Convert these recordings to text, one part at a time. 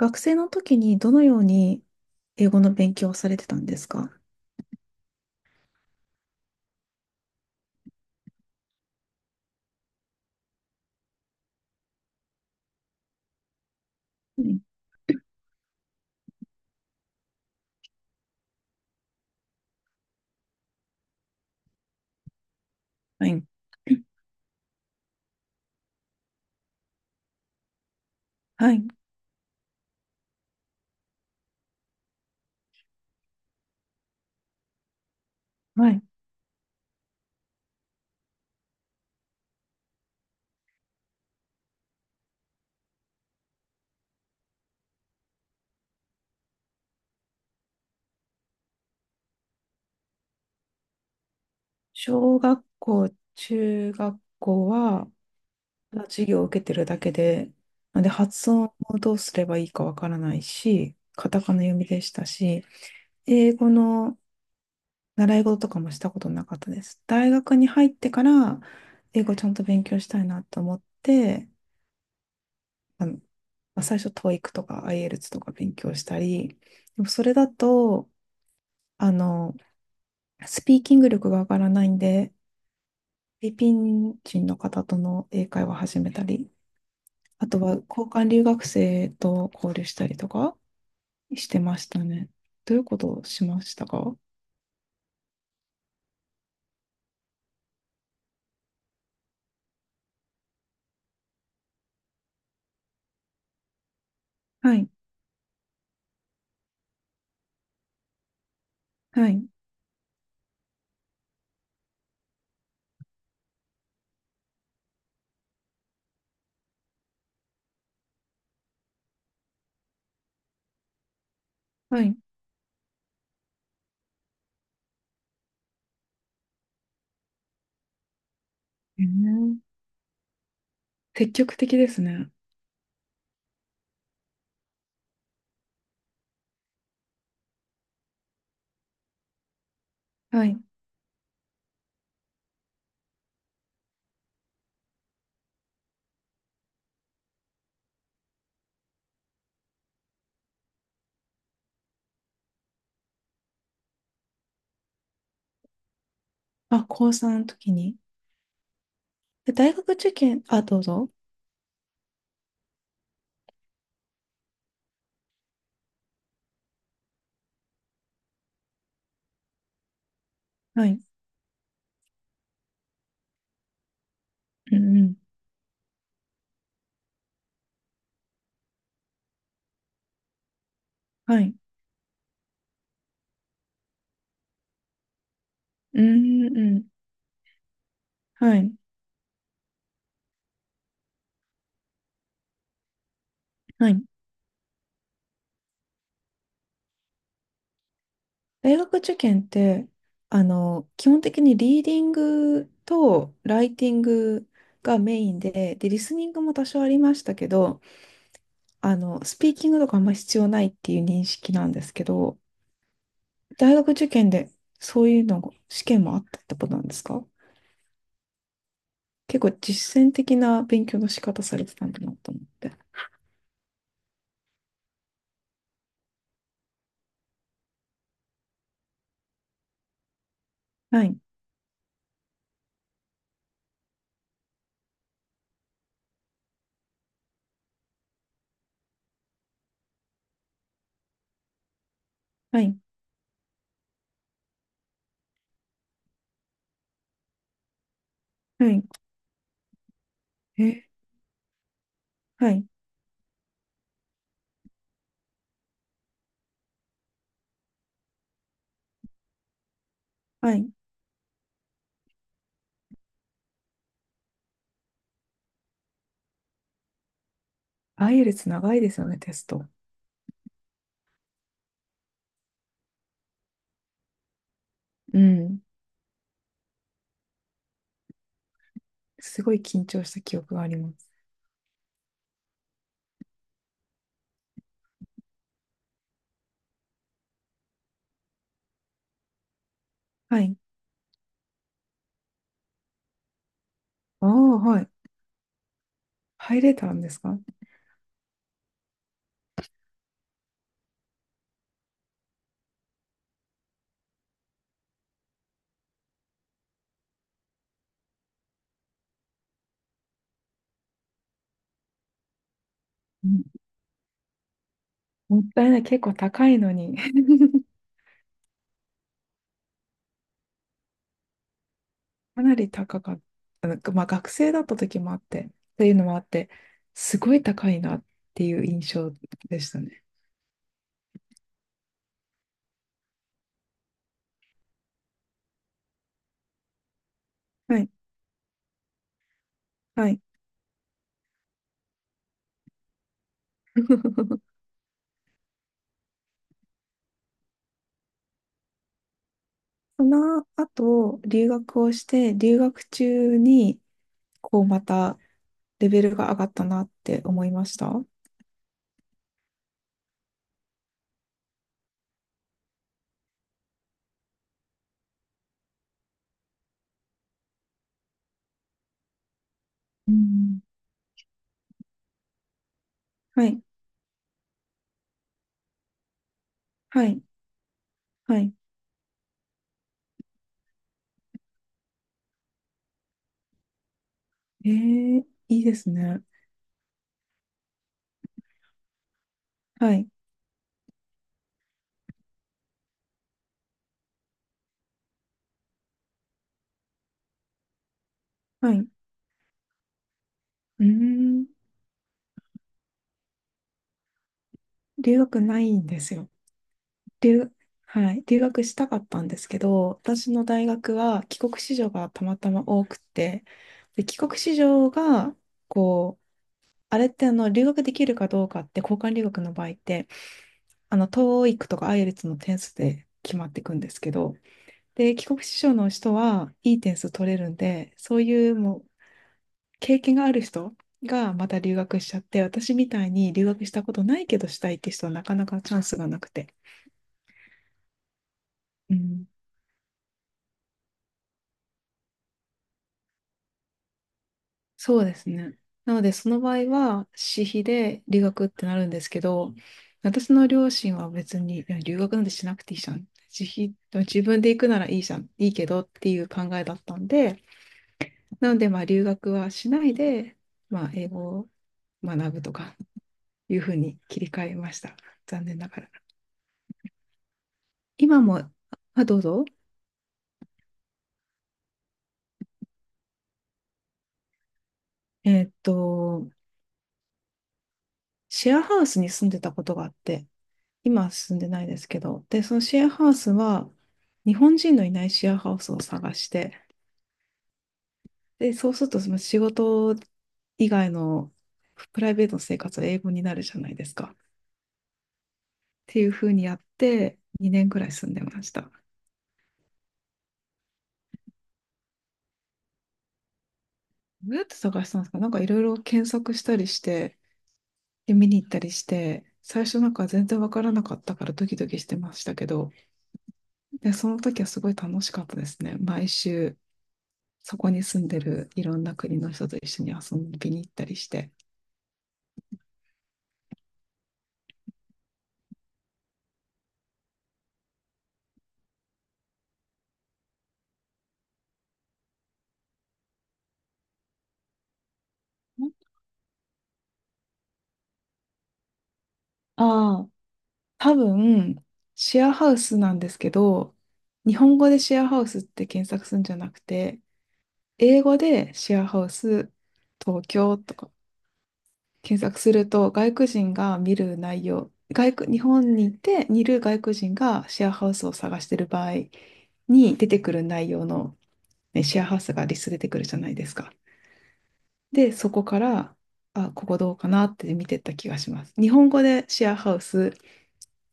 学生の時にどのように英語の勉強をされてたんですか？はい。はい。はいはい。小学校、中学校はただ授業を受けてるだけで、なんで、発音をどうすればいいかわからないし、カタカナ読みでしたし、英語の習い事とかもしたことなかったです。大学に入ってから英語ちゃんと勉強したいなと思って、まあ、最初 TOEIC とか IELTS とか勉強したり、でもそれだと、あの、スピーキング力が上がらないんで、フィリピン人の方との英会話を始めたり、あとは交換留学生と交流したりとかしてましたね。どういうことをしましたか？はい、はい、はい。えー、積極的ですね。はい。あ、高3の時に。大学受験、あ、どうぞ。はい。うんうん。はい。うんうん。はい。はい。大学受験って、基本的にリーディングとライティングがメインで、で、リスニングも多少ありましたけど、スピーキングとかあんま必要ないっていう認識なんですけど、大学受験でそういうの、試験もあったってことなんですか？結構実践的な勉強の仕方されてたんだなと思って。はい、はい、はい、え、はい、はい。アイエルツ長いですよね、テスト。うん。すごい緊張した記憶があります。はい。ああ、はい。入れたんですか？うん、もったいない。結構高いのに。かなり高かった。なんかまあ、学生だった時もあって、というのもあって、すごい高いなっていう印象でしたね。はい、はい。その後、留学をして、留学中に、こうまたレベルが上がったなって思いました。うん。はい、はい、はい。えー、いいですね。はい、はい。うーん、留学ないんですよ。留、はい、留学したかったんですけど、私の大学は帰国子女がたまたま多くて、で、帰国子女が、こう、あれって留学できるかどうかって交換留学の場合ってTOEIC とか IELTS の点数で決まっていくんですけど、で、帰国子女の人はいい点数取れるんで、そういうもう経験がある人がまた留学しちゃって、私みたいに留学したことないけどしたいって人はなかなかチャンスがなくて。うん、そうですね。なので、その場合は私費で留学ってなるんですけど、私の両親は別に、いや留学なんてしなくていいじゃん。自費、自分で行くならいいじゃん、いいけどっていう考えだったんで、なので、まあ留学はしないで、まあ英語を学ぶとか、いうふうに切り替えました。残念ながら。今も、あ、どうぞ。えーっと、シェアハウスに住んでたことがあって、今は住んでないですけど、で、そのシェアハウスは、日本人のいないシェアハウスを探して、で、そうすると、その仕事以外のプライベートの生活は英語になるじゃないですか。っていうふうにやって、2年くらい住んでました。どうやって探したんですか？なんかいろいろ検索したりして、で、見に行ったりして、最初なんか全然わからなかったからドキドキしてましたけど、で、その時はすごい楽しかったですね。毎週、そこに住んでるいろんな国の人と一緒に遊びに行ったりして。ああ、多分、シェアハウスなんですけど、日本語でシェアハウスって検索するんじゃなくて、英語でシェアハウス東京とか検索すると、外国人が見る内容、外国、日本にいて、いる外国人がシェアハウスを探してる場合に出てくる内容の、ね、シェアハウスがリスト出てくるじゃないですか。で、そこから、あ、ここどうかなって見てった気がします。日本語でシェアハウス、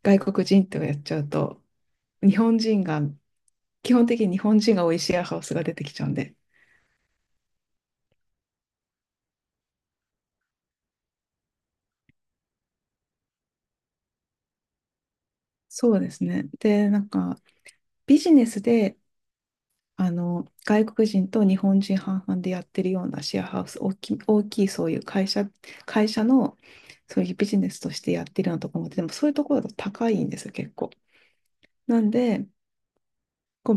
外国人ってやっちゃうと、日本人が、基本的に日本人が多いシェアハウスが出てきちゃうんで。そうですね。で、なんか、ビジネスで、外国人と日本人半々でやってるようなシェアハウス、大きいそういう会社の、そういうビジネスとしてやってるようなところも、でもそういうところだと高いんですよ、結構。なんで、こう、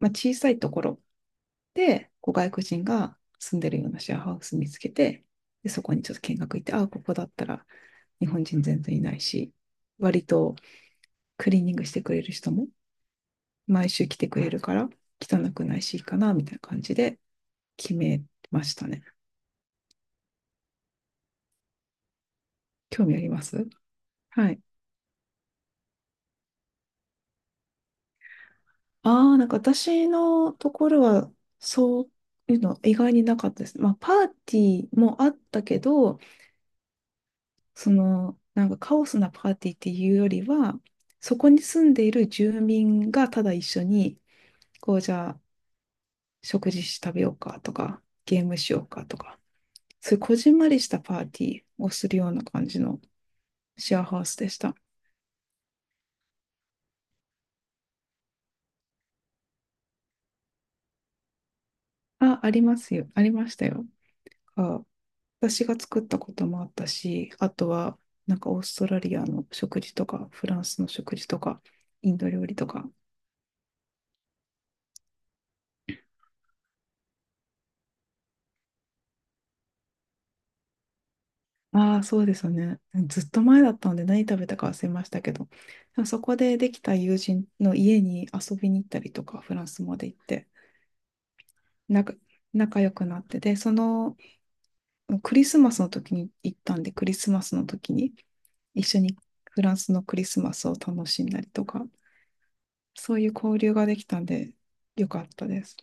まあ、小さいところ、で、こう外国人が住んでるようなシェアハウス見つけて、で、そこにちょっと見学行って、ああ、ここだったら日本人全然いないし、割とクリーニングしてくれる人も毎週来てくれるから汚くないしいいかな、みたいな感じで決めましたね。興味あります？はい。ああ、なんか私のところはそういうの意外になかったです。まあ、パーティーもあったけど、その、なんかカオスなパーティーっていうよりは、そこに住んでいる住民がただ一緒に、こう、じゃあ、食事し食べようかとか、ゲームしようかとか、そういうこじんまりしたパーティーをするような感じのシェアハウスでした。あ、ありますよ。ありましたよ。あ、私が作ったこともあったし、あとは、なんかオーストラリアの食事とか、フランスの食事とか、インド料理とか、ああ、そうですよね。ずっと前だったので何食べたか忘れましたけど、でもそこでできた友人の家に遊びに行ったりとか、フランスまで行って、なんか仲良くなって、で、そのクリスマスの時に行ったんで、クリスマスの時に一緒にフランスのクリスマスを楽しんだりとか、そういう交流ができたんで、よかったです。